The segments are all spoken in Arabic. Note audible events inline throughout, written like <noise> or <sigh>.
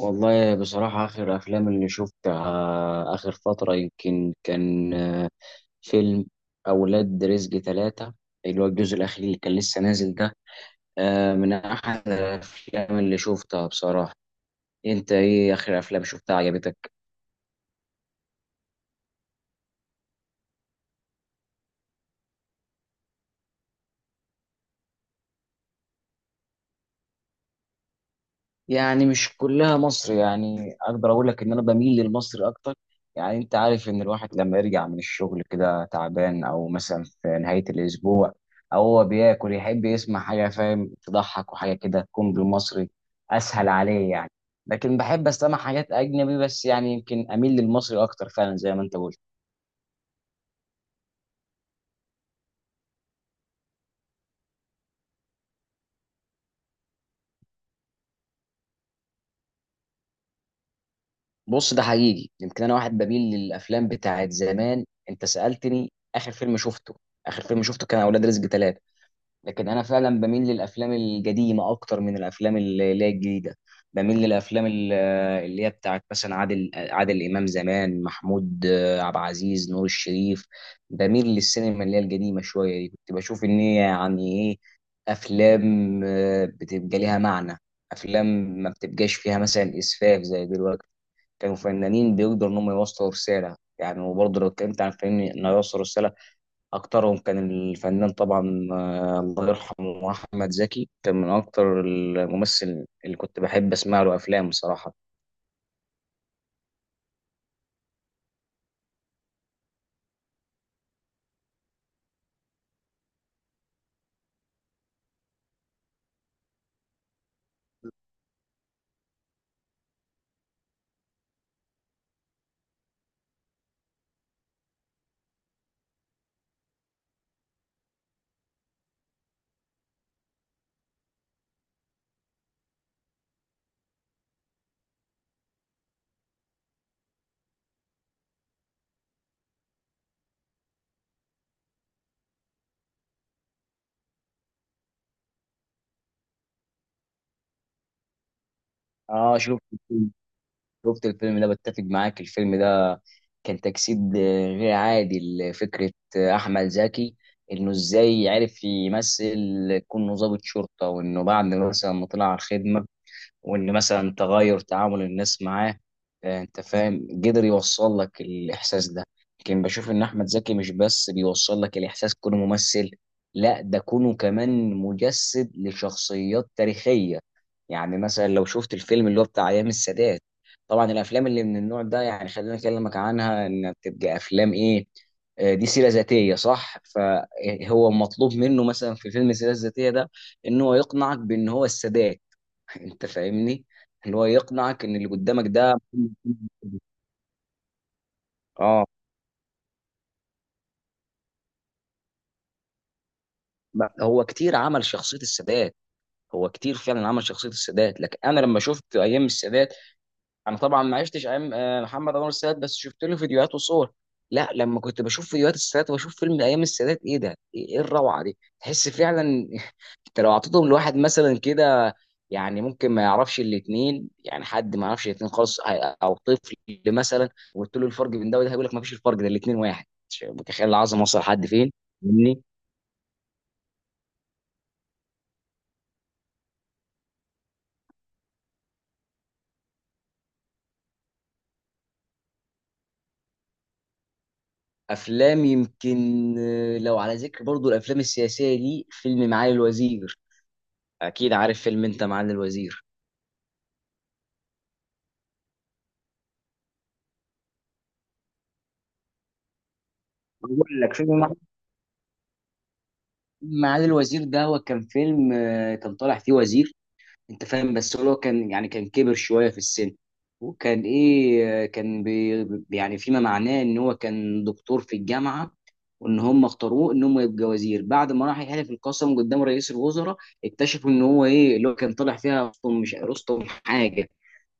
والله بصراحة آخر أفلام اللي شفتها آخر فترة يمكن كان فيلم أولاد رزق ثلاثة اللي هو الجزء الأخير اللي كان لسه نازل ده. من أحد الأفلام اللي شفتها بصراحة. أنت إيه آخر أفلام شفتها عجبتك؟ يعني مش كلها مصر، يعني اقدر اقول لك ان انا بميل للمصري اكتر. يعني انت عارف ان الواحد لما يرجع من الشغل كده تعبان او مثلا في نهاية الاسبوع او هو بياكل يحب يسمع حاجة فاهم تضحك وحاجة كده تكون بالمصري، اسهل عليه يعني. لكن بحب استمع حاجات اجنبي، بس يعني يمكن اميل للمصري اكتر فعلا زي ما انت قلت. بص، ده حقيقي. يمكن انا واحد بميل للافلام بتاعت زمان. انت سألتني اخر فيلم شفته، اخر فيلم شفته كان اولاد رزق ثلاثة. لكن انا فعلا بميل للافلام القديمه اكتر من الافلام اللي هي الجديده. بميل للافلام اللي هي بتاعت مثلا عادل امام، زمان محمود، عبد العزيز، نور الشريف. بميل للسينما اللي هي القديمه شويه دي، كنت بشوف ان هي يعني ايه، افلام بتبقى ليها معنى. افلام ما بتبقاش فيها مثلا اسفاف زي دلوقتي. كانوا فنانين بيقدروا ان هم يوصلوا رساله يعني، وبرضه لو اتكلمت عن فنان انه يوصل رساله، أكترهم كان الفنان طبعا، الله يرحمه، أحمد زكي كان من أكتر الممثل اللي كنت بحب أسمع له أفلام بصراحة. آه، شفت الفيلم ده، بتفق معاك. الفيلم ده كان تجسيد غير عادي لفكرة، أحمد زكي، إنه إزاي عرف يمثل كونه ضابط شرطة، وإنه بعد مثلا ما طلع على الخدمة وان مثلا تغير تعامل الناس معاه، انت فاهم، قدر يوصل لك الاحساس ده. لكن بشوف ان احمد زكي مش بس بيوصل لك الاحساس كونه ممثل، لا ده كونه كمان مجسد لشخصيات تاريخية. يعني مثلا لو شفت الفيلم اللي هو بتاع ايام السادات، طبعا الافلام اللي من النوع ده يعني خلينا اكلمك عنها ان بتبقى افلام ايه، دي سيرة ذاتية صح. فهو مطلوب منه مثلا في فيلم السيرة الذاتية ده ان هو يقنعك بان هو السادات. <laughs> انت فاهمني، اللي هو يقنعك ان اللي قدامك ده. <laughs> اه، لا، هو كتير عمل شخصيه السادات. هو كتير فعلا عمل شخصيه السادات، لكن انا لما شفت ايام السادات، انا طبعا ما عشتش ايام محمد انور السادات، بس شفت له فيديوهات وصور. لا، لما كنت بشوف فيديوهات السادات واشوف فيلم ايام السادات، ايه ده، ايه إيه الروعه دي، تحس فعلا. انت لو اعطيتهم لواحد مثلا كده يعني ممكن ما يعرفش الاثنين، يعني حد ما يعرفش الاثنين خالص، او طفل مثلا، وقلت له الفرق بين ده وده هيقول لك ما فيش الفرق، ده الاثنين واحد. مش متخيل العظمه وصل لحد فين. فاهمني. افلام يمكن، لو على ذكر برضو الافلام السياسيه دي، فيلم معالي الوزير. اكيد عارف فيلم، انت، معالي الوزير. بقول لك فيلم معالي الوزير ده، هو كان فيلم، كان طالع فيه وزير، انت فاهم، بس هو لو كان يعني كان كبر شويه في السن، وكان ايه، كان بي يعني فيما معناه ان هو كان دكتور في الجامعه، وان هم اختاروه ان هم يبقى وزير. بعد ما راح يحلف القسم قدام رئيس الوزراء اكتشفوا ان هو ايه اللي هو كان طالع فيها رستم مش رستم حاجه.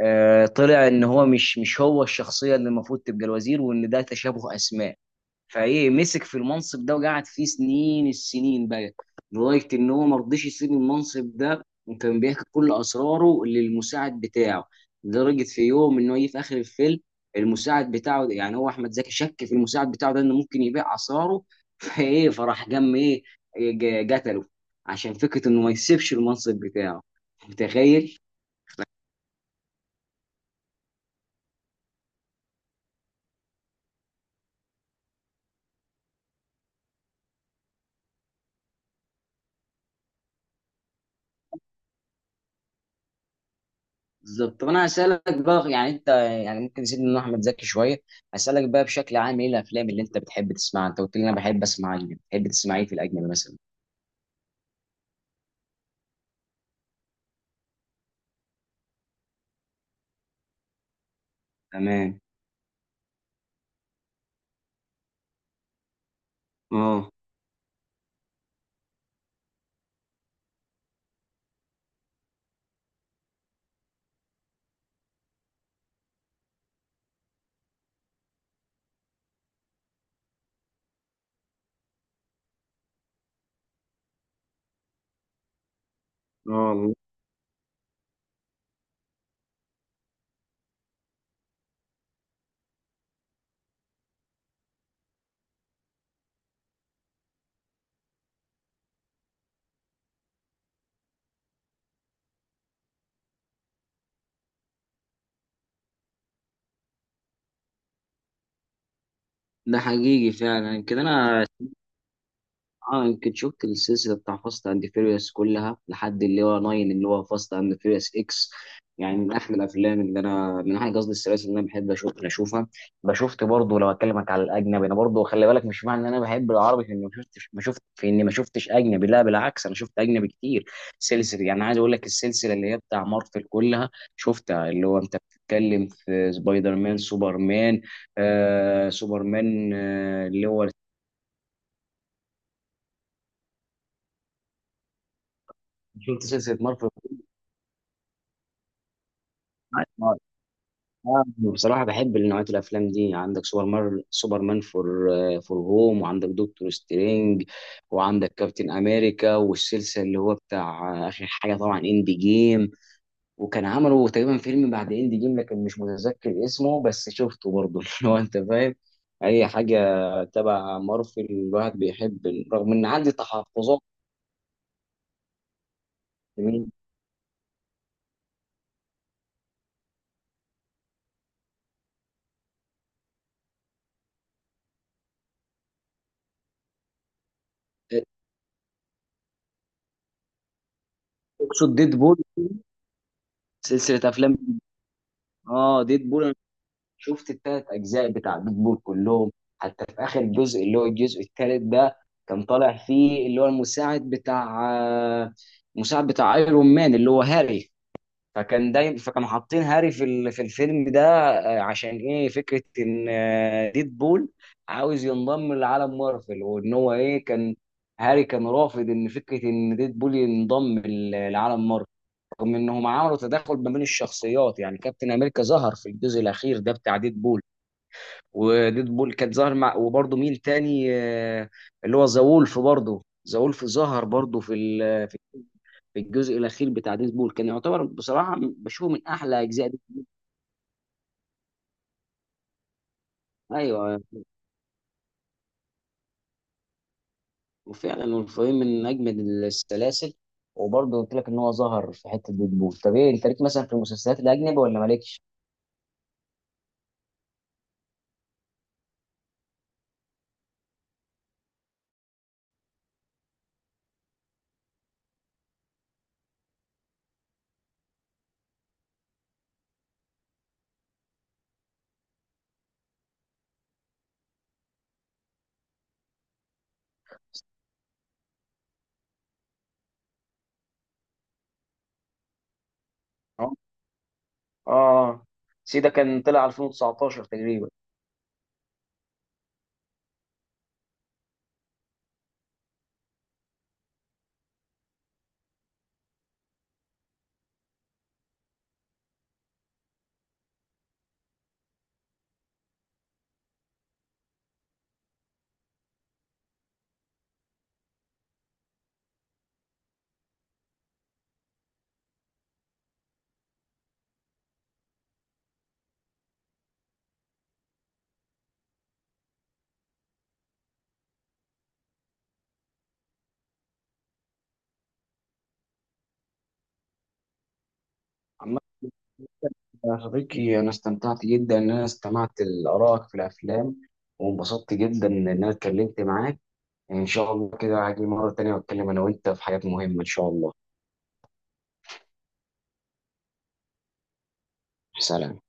آه، طلع ان هو مش هو الشخصيه اللي المفروض تبقى الوزير، وان ده تشابه اسماء. فايه مسك في المنصب ده وقعد فيه سنين السنين بقى، لغايه ان هو ما رضيش يسيب المنصب ده. وكان بيحكي كل اسراره للمساعد بتاعه، لدرجه في يوم ان هو جه في اخر الفيلم المساعد بتاعه، يعني هو احمد زكي شك في المساعد بتاعه ده انه ممكن يبيع اسراره. <laughs> فايه، فراح جم ايه، قتله عشان فكره انه ما يسيبش المنصب بتاعه. متخيل. بالظبط. طب انا هسألك بقى، يعني انت، يعني ممكن نسيب من احمد زكي شويه. هسألك بقى بشكل عام، ايه الافلام اللي انت بتحب تسمعها؟ انت قلت لي انا بحب اسمع اجنبي، بتحب تسمع ايه في الاجنبي مثلا؟ تمام. اه، اه، والله. ده حقيقي فعلا كده. انا، اه يمكن شفت السلسله بتاع فاست اند فيريوس كلها لحد اللي هو 9، اللي هو فاست اند فيريوس اكس. يعني من احلى الافلام اللي انا من احلى قصدي السلاسل اللي انا بحب اشوفها. بشوفت برضه، لو اكلمك على الاجنبي، انا برضه خلي بالك مش معنى ان انا بحب العربي في اني ما شفتش، ما شفت في اني ما شفتش اجنبي، لا بالعكس، انا شفت اجنبي كتير. سلسله يعني عايز اقول لك السلسله اللي هي بتاع مارفل كلها شفتها، اللي هو انت بتتكلم في سبايدر مان، سوبرمان، سوبرمان، اللي هو، شفت سلسله مارفل. بصراحة بحب نوعية الأفلام دي. عندك سوبر مان فور، فور هوم، وعندك دكتور سترينج، وعندك كابتن أمريكا، والسلسلة اللي هو بتاع آخر حاجة طبعا إند جيم. وكان عملوا تقريبا فيلم بعد إند جيم لكن مش متذكر اسمه، بس شفته برضه. <laughs> اللي هو أنت فاهم، أي حاجة تبع مارفل الواحد بيحب، رغم إن عندي تحفظات. من، أقصد ديد بول، سلسلة أفلام، ديد بول. شفت التلات اجزاء بتاع بيت بول كلهم. حتى في اخر جزء اللي هو الجزء التالت ده، كان طالع فيه اللي هو المساعد بتاع ايرون مان اللي هو هاري. فكان دايما، فكانوا حاطين هاري في في الفيلم ده، عشان ايه، فكره ان ديدبول عاوز ينضم لعالم مارفل، وان هو ايه، كان هاري كان رافض ان فكره ان ديدبول ينضم لعالم مارفل. رغم انهم عملوا تداخل ما بين الشخصيات، يعني كابتن امريكا ظهر في الجزء الاخير ده بتاع ديد بول، وديد بول كانت ظاهر مع، وبرضه مين تاني، اللي هو ذا وولف برضه. ذا وولف ظهر برضه في ال- في في الجزء الاخير بتاع ديد بول، كان يعتبر بصراحه بشوفه من احلى اجزاء دي. ايوه. وفعلا والفيلم من اجمد السلاسل. وبرضه قلت لك ان هو ظهر في حته ديد بول. طب ايه انت ليك مثلا في المسلسلات الاجنبي ولا مالكش؟ اه، اه، سيدا كان طلع 2019 تقريبا. عم. يا صديقي، أنا استمتعت جدا إن أنا استمعت لآرائك في الأفلام، وانبسطت جدا إن أنا اتكلمت معاك. إن شاء الله كده هاجي مرة تانية وأتكلم أنا وأنت في حاجات مهمة إن شاء الله. سلام.